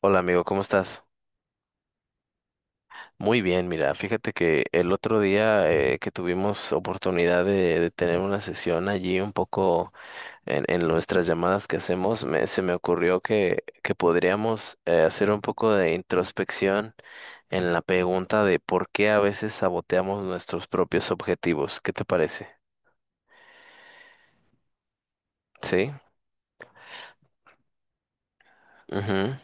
Hola amigo, ¿cómo estás? Muy bien, mira, fíjate que el otro día que tuvimos oportunidad de tener una sesión allí un poco en nuestras llamadas que hacemos, se me ocurrió que podríamos hacer un poco de introspección en la pregunta de por qué a veces saboteamos nuestros propios objetivos. ¿Qué te parece? Sí. Ujú.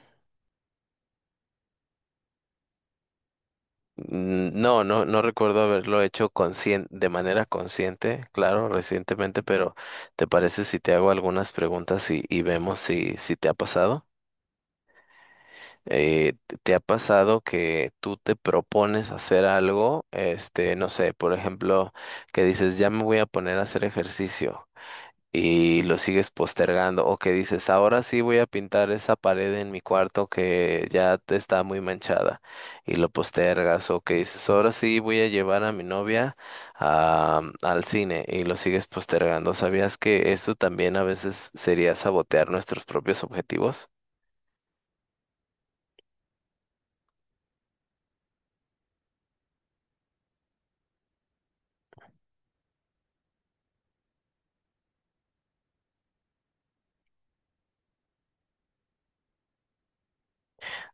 Mm, no, no, no recuerdo haberlo hecho de manera consciente, claro, recientemente, pero ¿te parece si te hago algunas preguntas y vemos si te ha pasado? ¿Te ha pasado que tú te propones hacer algo, este, no sé, por ejemplo, que dices, ya me voy a poner a hacer ejercicio, y lo sigues postergando, o que dices, ahora sí voy a pintar esa pared en mi cuarto que ya te está muy manchada, y lo postergas, o que dices, ahora sí voy a llevar a mi novia al cine y lo sigues postergando. ¿Sabías que esto también a veces sería sabotear nuestros propios objetivos?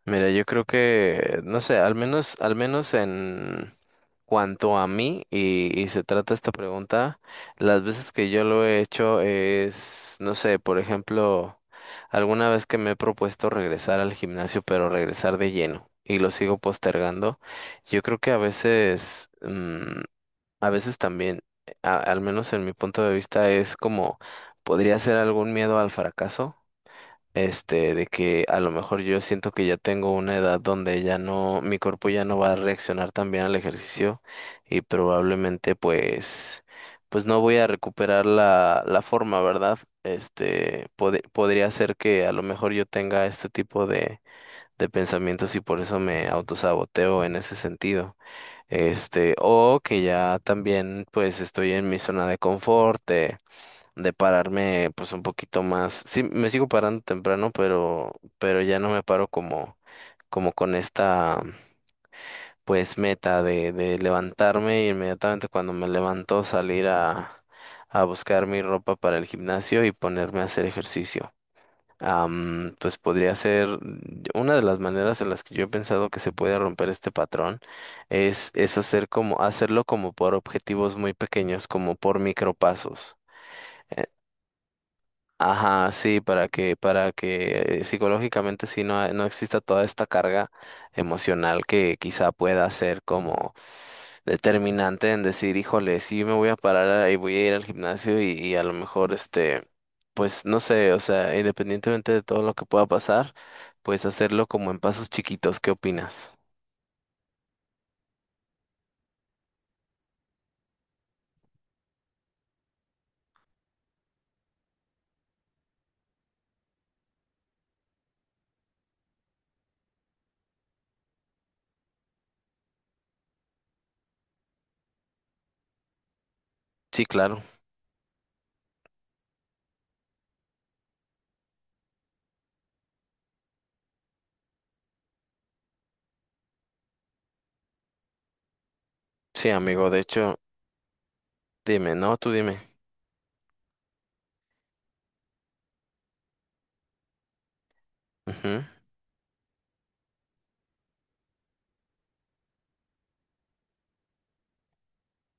Mira, yo creo que, no sé, al menos en cuanto a mí y se trata esta pregunta, las veces que yo lo he hecho es, no sé, por ejemplo, alguna vez que me he propuesto regresar al gimnasio, pero regresar de lleno y lo sigo postergando, yo creo que a veces, a veces también, al menos en mi punto de vista, es como, podría ser algún miedo al fracaso, este, de que a lo mejor yo siento que ya tengo una edad donde ya no, mi cuerpo ya no va a reaccionar tan bien al ejercicio y probablemente pues, pues no voy a recuperar la forma, ¿verdad? Este, podría ser que a lo mejor yo tenga este tipo de pensamientos y por eso me autosaboteo en ese sentido. Este, o que ya también pues estoy en mi zona de confort, de pararme pues un poquito más. Sí, me sigo parando temprano, pero ya no me paro como, como con esta pues meta de levantarme y inmediatamente cuando me levanto salir a buscar mi ropa para el gimnasio y ponerme a hacer ejercicio. Pues podría ser una de las maneras en las que yo he pensado que se puede romper este patrón es hacer como, hacerlo como por objetivos muy pequeños, como por micropasos. Ajá, sí, para que psicológicamente sí no, no exista toda esta carga emocional que quizá pueda ser como determinante en decir, híjole, sí me voy a parar y voy a ir al gimnasio y a lo mejor este, pues no sé, o sea, independientemente de todo lo que pueda pasar, pues hacerlo como en pasos chiquitos, ¿qué opinas? Sí, claro. Sí, amigo, de hecho, dime, no, tú dime. Ujú.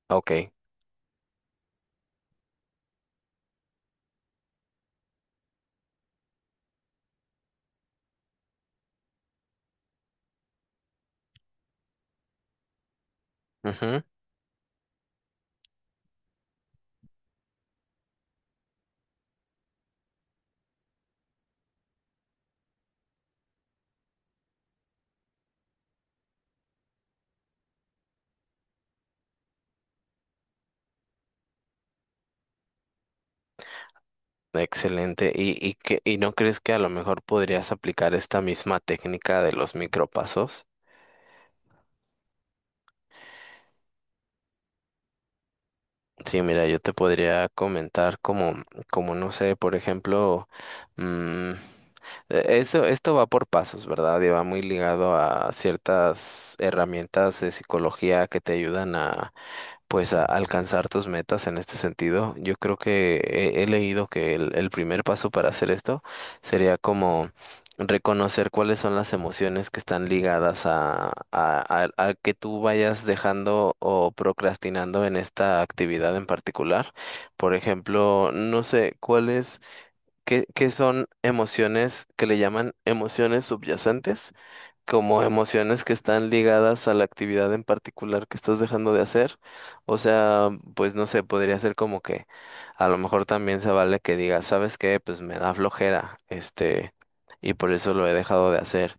Ok. Ujú. Excelente. Y, que, y no crees que a lo mejor podrías aplicar esta misma técnica de los micropasos? Sí, mira, yo te podría comentar como, como no sé, por ejemplo, mm, eso, esto va por pasos, ¿verdad? Y va muy ligado a ciertas herramientas de psicología que te ayudan a pues a alcanzar tus metas en este sentido. Yo creo que he leído que el primer paso para hacer esto sería como reconocer cuáles son las emociones que están ligadas a, a que tú vayas dejando o procrastinando en esta actividad en particular. Por ejemplo, no sé cuáles, qué, qué son emociones que le llaman emociones subyacentes como emociones que están ligadas a la actividad en particular que estás dejando de hacer. O sea, pues no sé, podría ser como que a lo mejor también se vale que digas, ¿sabes qué? Pues me da flojera, este, y por eso lo he dejado de hacer.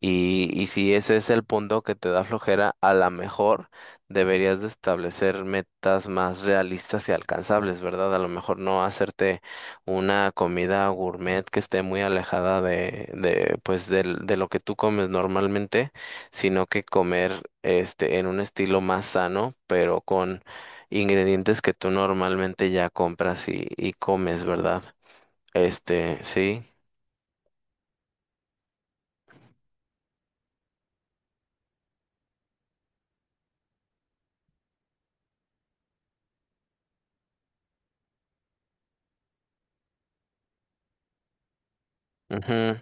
Y si ese es el punto que te da flojera, a lo mejor deberías de establecer metas más realistas y alcanzables, ¿verdad? A lo mejor no hacerte una comida gourmet que esté muy alejada de pues de lo que tú comes normalmente, sino que comer este en un estilo más sano, pero con ingredientes que tú normalmente ya compras y comes, ¿verdad? Este, sí. Ujú.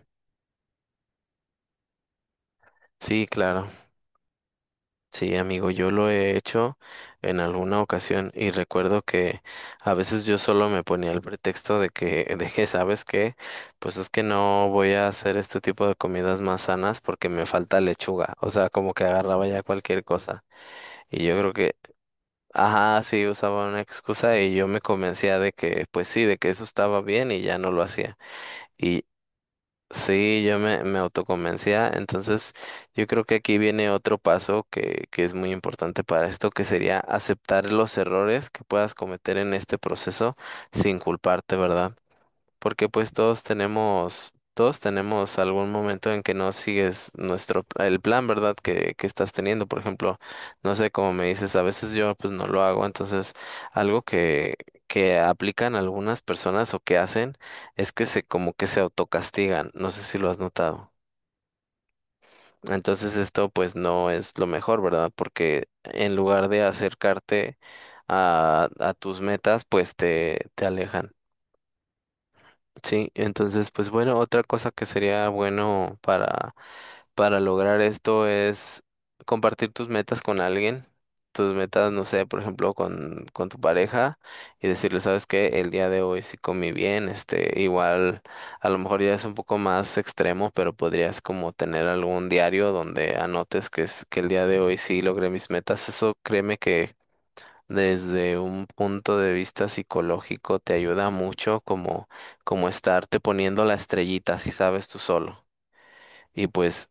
Sí, claro. Sí, amigo, yo lo he hecho en alguna ocasión y recuerdo que a veces yo solo me ponía el pretexto de que, ¿sabes qué? Pues es que no voy a hacer este tipo de comidas más sanas porque me falta lechuga. O sea, como que agarraba ya cualquier cosa. Y yo creo que, ajá, sí, usaba una excusa y yo me convencía de que, pues sí, de que eso estaba bien y ya no lo hacía. Sí, yo me autoconvencía. Entonces, yo creo que aquí viene otro paso que es muy importante para esto, que sería aceptar los errores que puedas cometer en este proceso sin culparte, ¿verdad? Porque pues todos tenemos algún momento en que no sigues nuestro, el plan, ¿verdad? Que estás teniendo, por ejemplo, no sé, como me dices, a veces yo pues no lo hago, entonces algo que aplican algunas personas o que hacen es que se, como que se autocastigan, no sé si lo has notado. Entonces esto pues no es lo mejor, ¿verdad? Porque en lugar de acercarte a tus metas, pues te alejan. Sí, entonces, pues bueno, otra cosa que sería bueno para lograr esto es compartir tus metas con alguien, tus metas, no sé, por ejemplo, con tu pareja y decirle, sabes que el día de hoy sí comí bien, este, igual, a lo mejor ya es un poco más extremo, pero podrías como tener algún diario donde anotes que es, que el día de hoy sí logré mis metas. Eso créeme que desde un punto de vista psicológico te ayuda mucho como, como estarte poniendo la estrellita si sabes tú solo. Y pues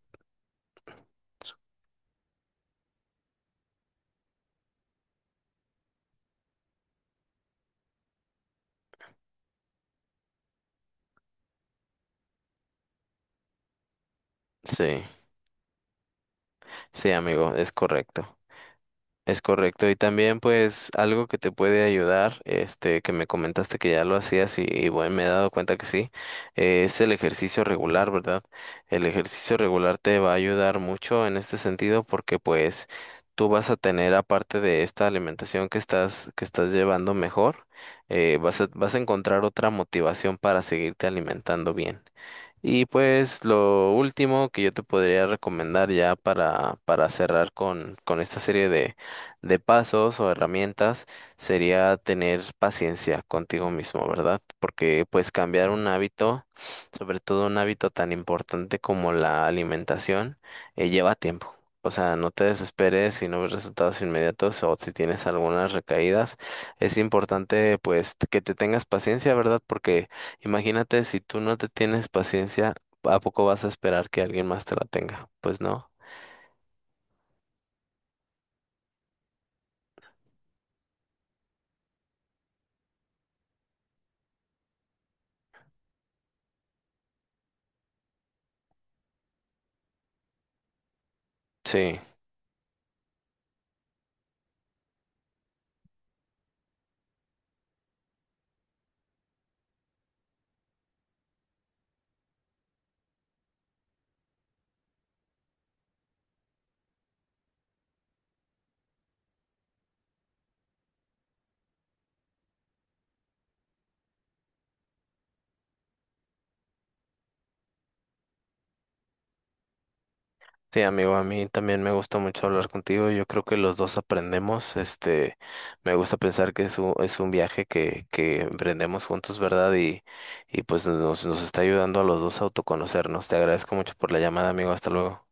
sí, sí, amigo, es correcto. Es correcto. Y también pues algo que te puede ayudar, este, que me comentaste que ya lo hacías y bueno, me he dado cuenta que sí, es el ejercicio regular, ¿verdad? El ejercicio regular te va a ayudar mucho en este sentido porque pues tú vas a tener aparte de esta alimentación que estás llevando mejor, vas a encontrar otra motivación para seguirte alimentando bien. Y pues lo último que yo te podría recomendar ya para cerrar con esta serie de pasos o herramientas sería tener paciencia contigo mismo, ¿verdad? Porque pues cambiar un hábito, sobre todo un hábito tan importante como la alimentación, lleva tiempo. O sea, no te desesperes si no ves resultados inmediatos o si tienes algunas recaídas. Es importante pues que te tengas paciencia, ¿verdad? Porque imagínate si tú no te tienes paciencia, ¿a poco vas a esperar que alguien más te la tenga? Pues no. Sí. Sí, amigo, a mí también me gusta mucho hablar contigo. Yo creo que los dos aprendemos. Este, me gusta pensar que es un viaje que emprendemos juntos, ¿verdad? Y pues nos, nos está ayudando a los dos a autoconocernos. Te agradezco mucho por la llamada, amigo. Hasta luego.